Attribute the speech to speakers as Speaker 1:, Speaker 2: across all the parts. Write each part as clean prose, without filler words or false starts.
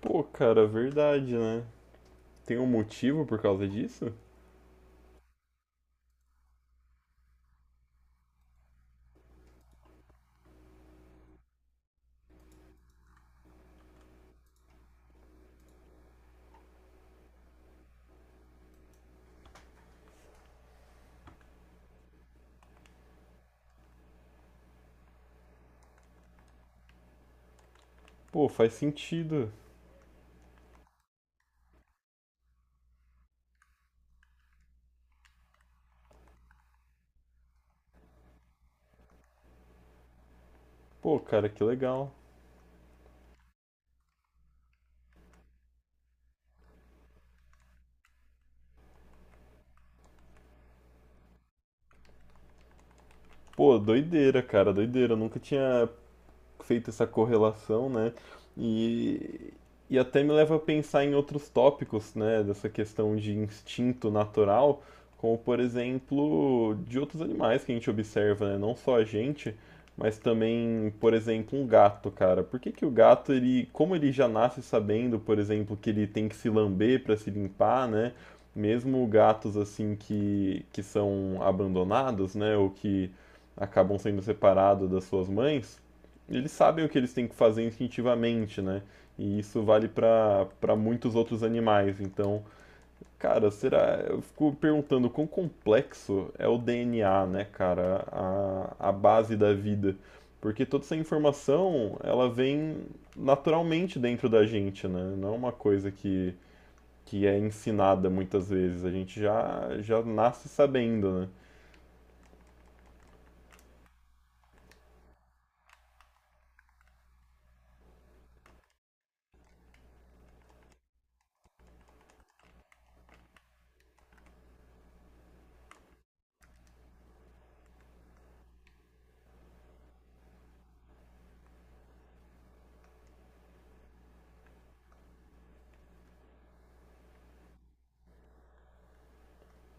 Speaker 1: Pô, cara, verdade, né? Tem um motivo por causa disso? Pô, faz sentido. Pô, cara, que legal. Pô, doideira, cara, doideira. Eu nunca tinha feito essa correlação, né? E, e até me leva a pensar em outros tópicos, né? Dessa questão de instinto natural, como por exemplo, de outros animais que a gente observa, né? Não só a gente, mas também, por exemplo, um gato, cara. Por que que o gato, ele, como ele já nasce sabendo, por exemplo, que ele tem que se lamber para se limpar, né? Mesmo gatos assim que são abandonados, né? Ou que acabam sendo separados das suas mães, eles sabem o que eles têm que fazer instintivamente, né? E isso vale para muitos outros animais. Então, cara, será. Eu fico perguntando quão complexo é o DNA, né, cara? A base da vida. Porque toda essa informação, ela vem naturalmente dentro da gente, né? Não é uma coisa que é ensinada muitas vezes. A gente já nasce sabendo, né?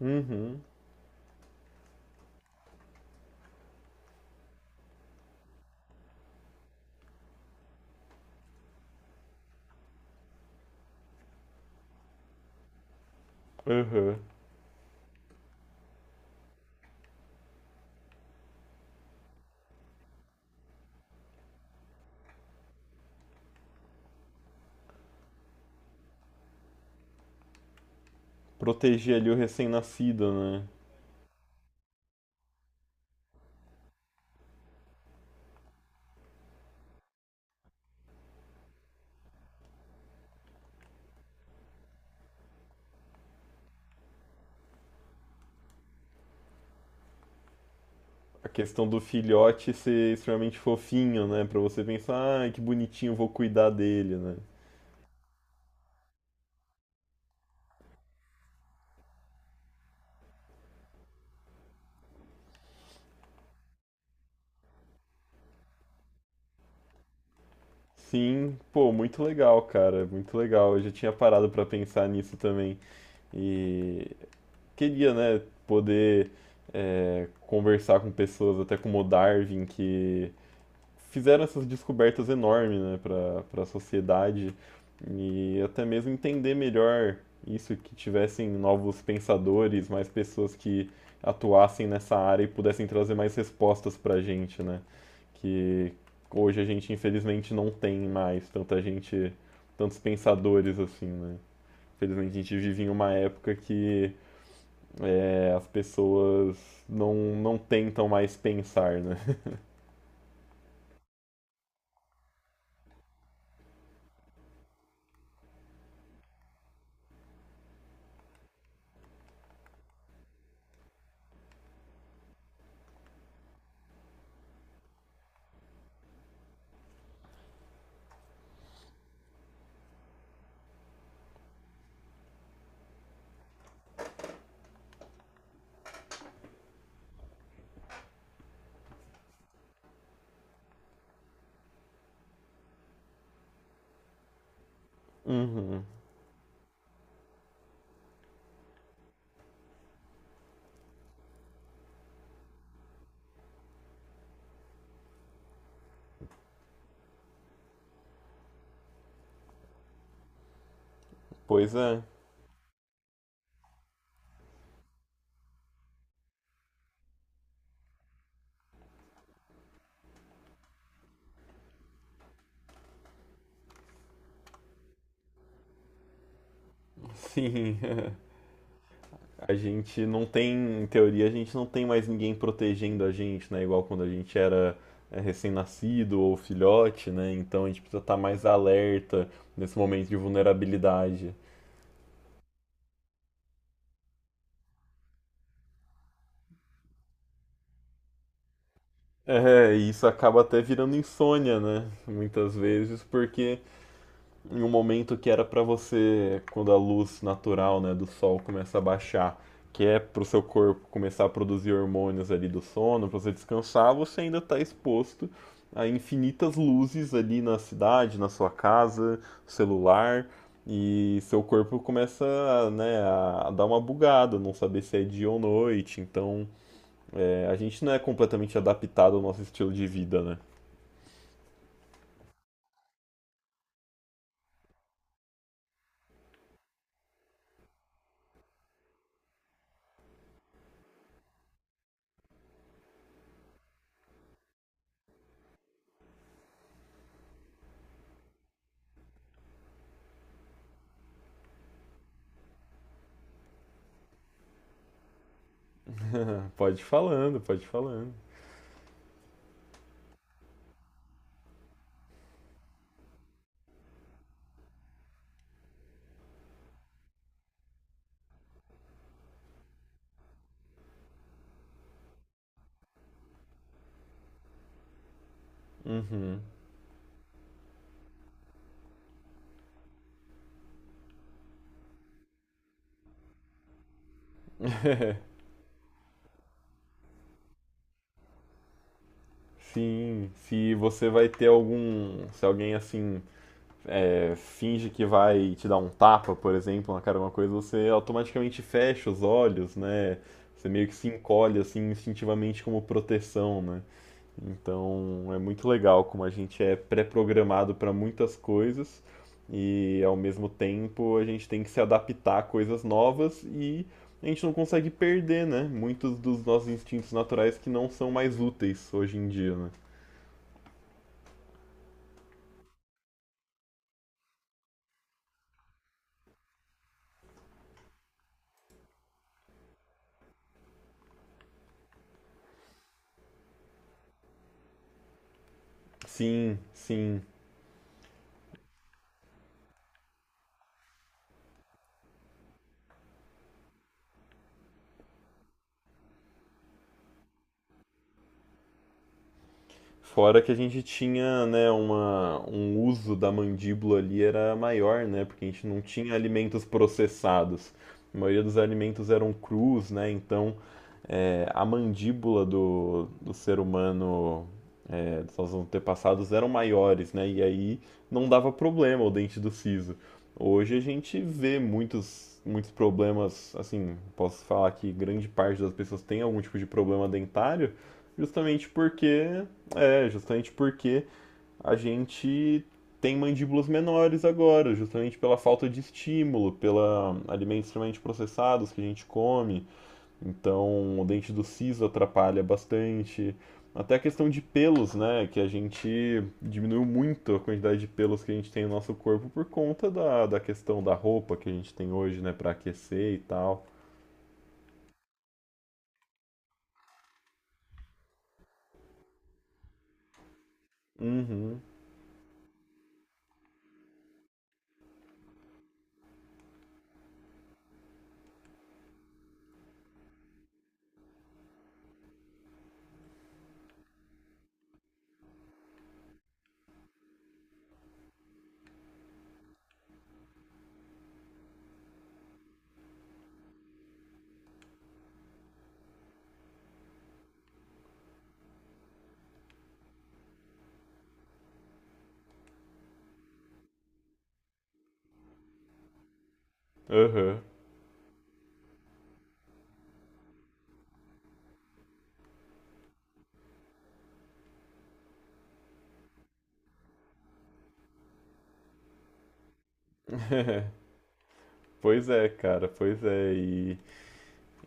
Speaker 1: Uhum, uhum. Proteger ali o recém-nascido, né? A questão do filhote ser extremamente fofinho, né? Pra você pensar, ai, que bonitinho, vou cuidar dele, né? Sim, pô, muito legal, cara, muito legal. Eu já tinha parado pra pensar nisso também. E queria, né, poder conversar com pessoas, até como o Darwin, que fizeram essas descobertas enormes, né, para a sociedade e até mesmo entender melhor isso, que tivessem novos pensadores, mais pessoas que atuassem nessa área e pudessem trazer mais respostas para a gente, né? Que hoje a gente infelizmente não tem mais tanta gente, tantos pensadores assim, né? Infelizmente a gente vive em uma época que é, as pessoas não tentam mais pensar, né? Pois é, sim. A gente não tem, em teoria, a gente não tem mais ninguém protegendo a gente, né? Igual quando a gente era recém-nascido ou filhote, né? Então a gente precisa estar mais alerta nesse momento de vulnerabilidade. É, e isso acaba até virando insônia, né? Muitas vezes, porque em um momento que era para você, quando a luz natural, né, do sol começa a baixar, que é para o seu corpo começar a produzir hormônios ali do sono, para você descansar, você ainda está exposto a infinitas luzes ali na cidade, na sua casa, celular, e seu corpo começa, né, a, dar uma bugada, não saber se é dia ou noite. Então, é, a gente não é completamente adaptado ao nosso estilo de vida, né? Pode ir falando, pode ir falando. Uhum. Sim, se você vai ter algum. Se alguém assim finge que vai te dar um tapa, por exemplo, na cara de uma coisa, você automaticamente fecha os olhos, né? Você meio que se encolhe assim instintivamente como proteção, né? Então é muito legal como a gente é pré-programado para muitas coisas e ao mesmo tempo a gente tem que se adaptar a coisas novas e a gente não consegue perder, né? Muitos dos nossos instintos naturais que não são mais úteis hoje em dia, né? Sim, sim. Fora que a gente tinha, né, uma, um uso da mandíbula ali era maior, né, porque a gente não tinha alimentos processados. A maioria dos alimentos eram crus, né, então é, a mandíbula do ser humano. Eles, os antepassados eram maiores, né? E aí não dava problema o dente do siso. Hoje a gente vê muitos problemas, assim, posso falar que grande parte das pessoas tem algum tipo de problema dentário, justamente porque, é, justamente porque a gente tem mandíbulas menores agora, justamente pela falta de estímulo, pela alimentos extremamente processados que a gente come, então, o dente do siso atrapalha bastante. Até a questão de pelos, né? Que a gente diminuiu muito a quantidade de pelos que a gente tem no nosso corpo por conta da, da questão da roupa que a gente tem hoje, né? Pra aquecer e tal. Uhum. Aham. Pois é, cara, pois é. E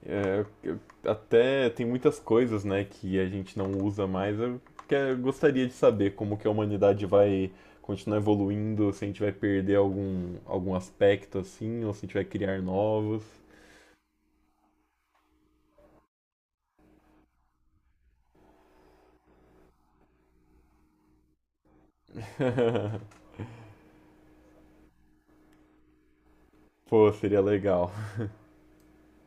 Speaker 1: é, eu- até tem muitas coisas, né, que a gente não usa mais. Eu que- eu gostaria de saber como que a humanidade vai continuar evoluindo, se a gente vai perder algum, algum aspecto assim, ou se a gente vai criar novos. Pô, seria legal.